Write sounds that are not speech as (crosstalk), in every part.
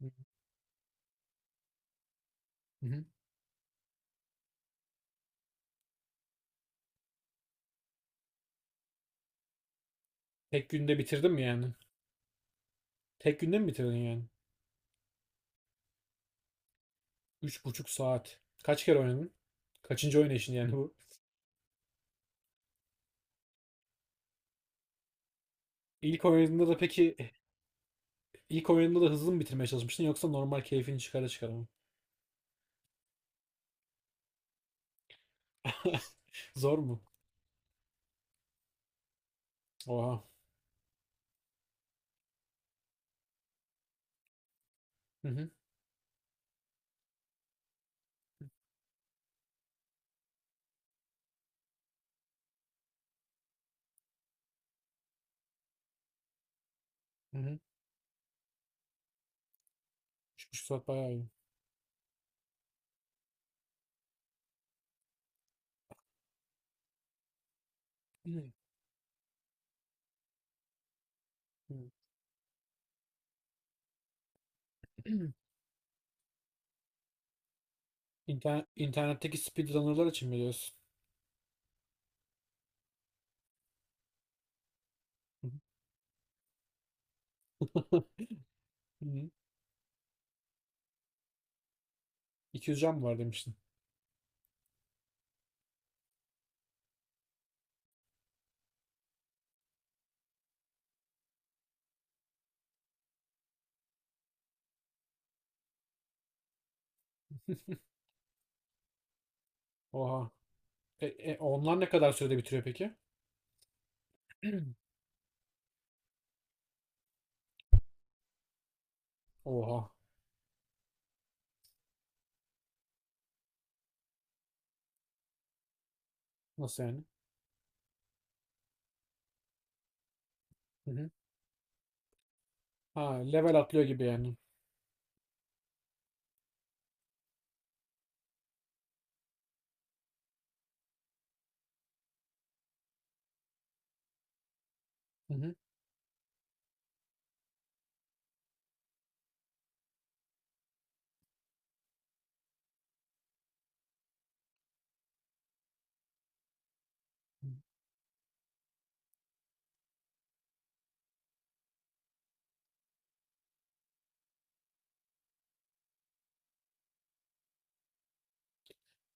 Hı hı. Tek günde bitirdim mi yani? Tek günde mi bitirdin yani? Üç buçuk saat. Kaç kere oynadın? Kaçıncı oynayışın yani bu? İlk oynadığında da peki, ilk oynadığında da hızlı mı bitirmeye çalışmıştın, yoksa normal keyfini çıkara çıkara mı? (laughs) Zor mu? Oha. Hı hı. Hı hı. Üç buçuk saat bayağı iyi. Hı hı. (clears throat) İnternet, internetteki speedrunner'lar için mi diyorsun? (laughs) Hı hı. 200 can mı var demiştin? Oha. Onlar ne kadar sürede bitiriyor peki? (clears throat) Oha. Nasıl yani? Ha, level atlıyor gibi yani. Hı hı.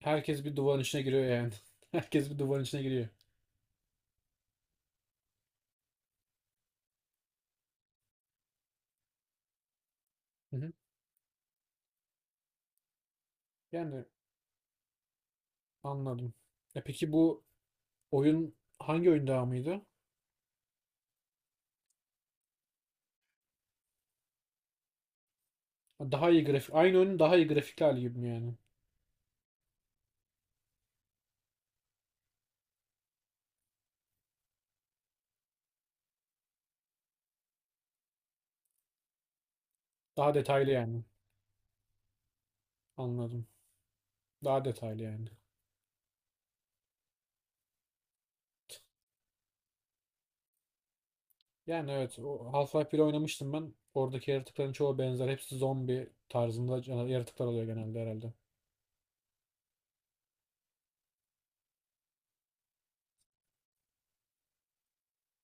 Herkes bir duvarın içine giriyor yani. (laughs) Herkes bir duvarın içine giriyor. Hı hı. Yani anladım. E peki bu oyun hangi oyun devamıydı? Daha iyi grafik. Aynı oyunun daha iyi grafikli hali gibi mi yani? Daha detaylı yani. Anladım. Daha detaylı yani. Yani evet, o Half-Life 1'i oynamıştım ben. Oradaki yaratıkların çoğu benzer. Hepsi zombi tarzında yaratıklar oluyor genelde herhalde.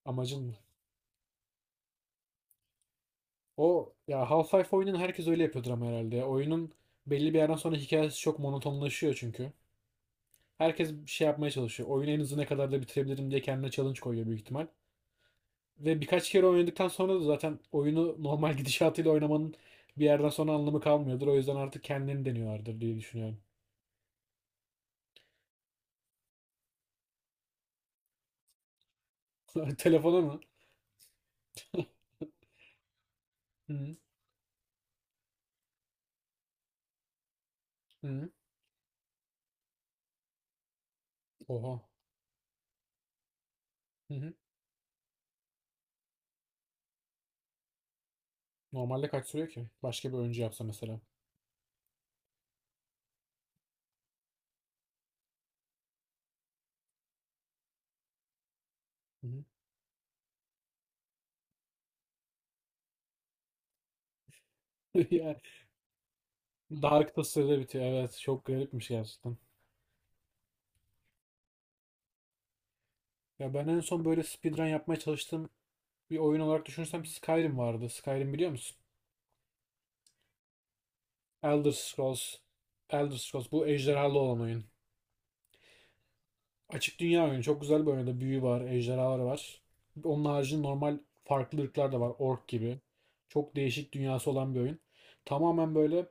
Amacın mı? O ya, Half-Life oyunun herkes öyle yapıyordur ama herhalde. Ya, oyunun belli bir yerden sonra hikayesi çok monotonlaşıyor çünkü. Herkes bir şey yapmaya çalışıyor. Oyunu en hızlı ne kadar da bitirebilirim diye kendine challenge koyuyor büyük ihtimal. Ve birkaç kere oynadıktan sonra da zaten oyunu (laughs) normal gidişatıyla oynamanın bir yerden sonra anlamı kalmıyordur. O yüzden artık kendini deniyorlardır diye düşünüyorum. (laughs) Telefona mı? Hı hı. Oha. Hı hı. Normalde kaç sürüyor ki? Başka bir oyuncu yapsa mesela. Hı hı. (laughs) Yani Dark da sırada bitiyor. Evet, çok garipmiş gerçekten. Ya ben en son böyle speedrun yapmaya çalıştığım bir oyun olarak düşünürsem Skyrim vardı. Skyrim biliyor musun? Elder Scrolls. Elder Scrolls bu ejderhalı olan oyun. Açık dünya oyunu. Çok güzel bir oyunda büyü var, ejderhalar var. Onun haricinde normal farklı ırklar da var. Ork gibi. Çok değişik dünyası olan bir oyun. Tamamen böyle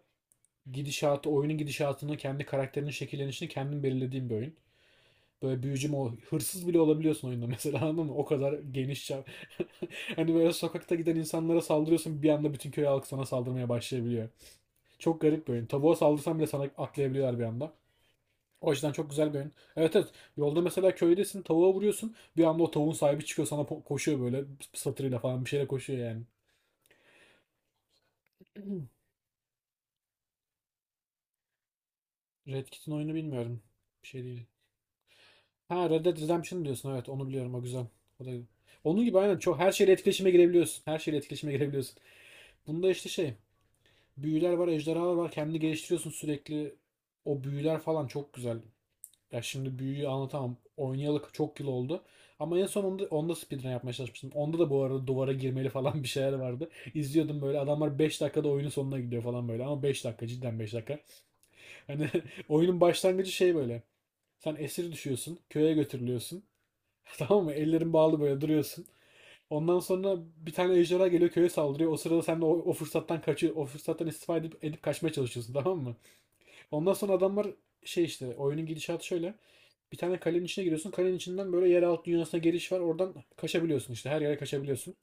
gidişatı, oyunun gidişatını, kendi karakterinin şekillenişini kendin belirlediğin bir oyun. Böyle hırsız bile olabiliyorsun oyunda mesela, (laughs) anladın mı? O kadar geniş çap. (laughs) Hani böyle sokakta giden insanlara saldırıyorsun, bir anda bütün köy halkı sana saldırmaya başlayabiliyor. Çok garip bir oyun. Tavuğa saldırsan bile sana atlayabiliyorlar bir anda. O yüzden çok güzel bir oyun. Evet, evet. Yolda mesela köydesin, tavuğa vuruyorsun. Bir anda o tavuğun sahibi çıkıyor sana, koşuyor böyle, satırıyla falan bir şeyle koşuyor yani. (clears throat) Red Kit'in oyunu bilmiyorum. Bir şey değil. Ha, Red Dead Redemption diyorsun, evet, onu biliyorum, o güzel. O da onun gibi aynen, çok her şeyle etkileşime girebiliyorsun. Her şeyle etkileşime girebiliyorsun. Bunda işte şey, büyüler var, ejderhalar var. Kendini geliştiriyorsun sürekli. O büyüler falan çok güzel. Ya şimdi büyüyü anlatamam. Oynayalı çok yıl oldu. Ama en son onda speedrun yapmaya çalışmıştım. Onda da bu arada duvara girmeli falan bir şeyler vardı. İzliyordum böyle, adamlar 5 dakikada oyunun sonuna gidiyor falan böyle. Ama 5 dakika, cidden 5 dakika. Hani (laughs) oyunun başlangıcı şey böyle. Sen esir düşüyorsun. Köye götürülüyorsun. (laughs) Tamam mı? Ellerin bağlı böyle duruyorsun. Ondan sonra bir tane ejderha geliyor, köye saldırıyor. O sırada sen de o fırsattan kaçıyor. O fırsattan istifa edip kaçmaya çalışıyorsun, tamam mı? Ondan sonra adamlar şey, işte oyunun gidişatı şöyle. Bir tane kalenin içine giriyorsun. Kalenin içinden böyle yeraltı dünyasına giriş var. Oradan kaçabiliyorsun işte. Her yere kaçabiliyorsun.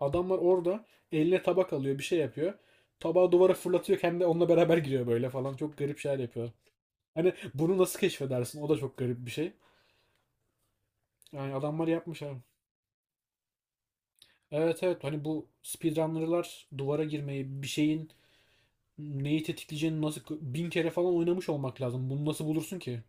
Adamlar orada eline tabak alıyor. Bir şey yapıyor. Tabağı duvara fırlatıyor. Kendi onunla beraber giriyor böyle falan. Çok garip şeyler yapıyor. Hani bunu nasıl keşfedersin? O da çok garip bir şey. Yani adamlar yapmış abi. Evet, evet, hani bu speedrunner'lar duvara girmeyi, bir şeyin neyi tetikleyeceğini, nasıl bin kere falan oynamış olmak lazım. Bunu nasıl bulursun ki?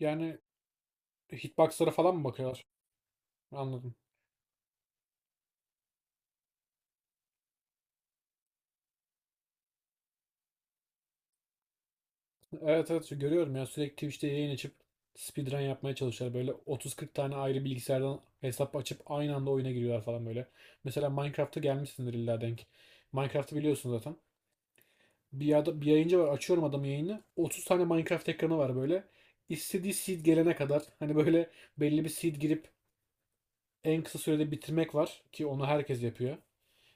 Yani hitboxlara falan mı bakıyorlar? Anladım. Evet, evet, şu görüyorum ya, sürekli Twitch'te yayın açıp speedrun yapmaya çalışıyorlar. Böyle 30-40 tane ayrı bilgisayardan hesap açıp aynı anda oyuna giriyorlar falan böyle. Mesela Minecraft'a gelmişsindir illa denk. Minecraft'ı biliyorsun zaten. Bir yayıncı var, açıyorum adamın yayını. 30 tane Minecraft ekranı var böyle. İstediği seed gelene kadar hani böyle belli bir seed girip en kısa sürede bitirmek var ki onu herkes yapıyor.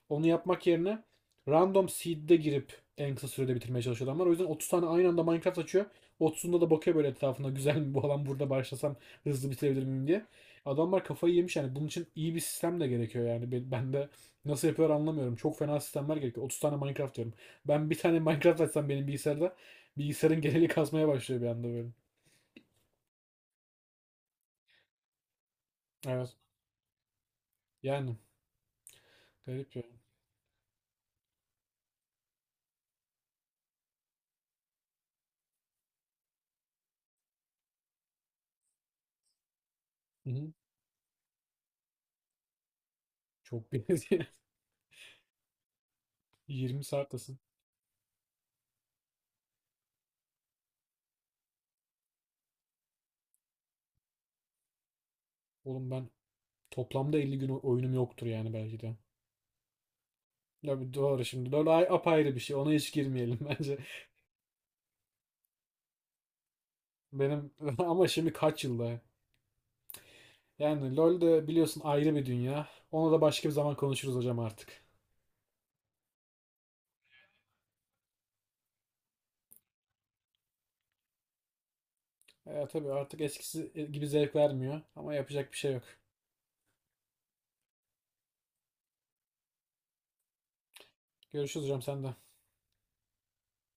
Onu yapmak yerine random seed'de girip en kısa sürede bitirmeye çalışıyor adamlar. O yüzden 30 tane aynı anda Minecraft açıyor. 30'unda da bakıyor böyle etrafında, (laughs) güzel mi bu alan, burada başlasam hızlı bitirebilir miyim diye. Adamlar kafayı yemiş yani, bunun için iyi bir sistem de gerekiyor yani. Ben de nasıl yapıyorlar anlamıyorum. Çok fena sistemler gerekiyor. 30 tane Minecraft diyorum. Ben bir tane Minecraft açsam benim bilgisayarda, bilgisayarın geneli kasmaya başlıyor bir anda böyle. Evet. Yani garip ya. Hı hı. Çok benziyor. (laughs) 20 saattesin. Oğlum ben toplamda 50 gün oyunum yoktur yani belki de. Ya doğru şimdi. Apayrı bir şey. Ona hiç girmeyelim (laughs) bence. Benim (laughs) ama şimdi kaç yılda? Yani LoL de biliyorsun ayrı bir dünya. Onu da başka bir zaman konuşuruz hocam artık. E, tabii artık eskisi gibi zevk vermiyor ama yapacak bir şey yok. Görüşürüz hocam, sen de.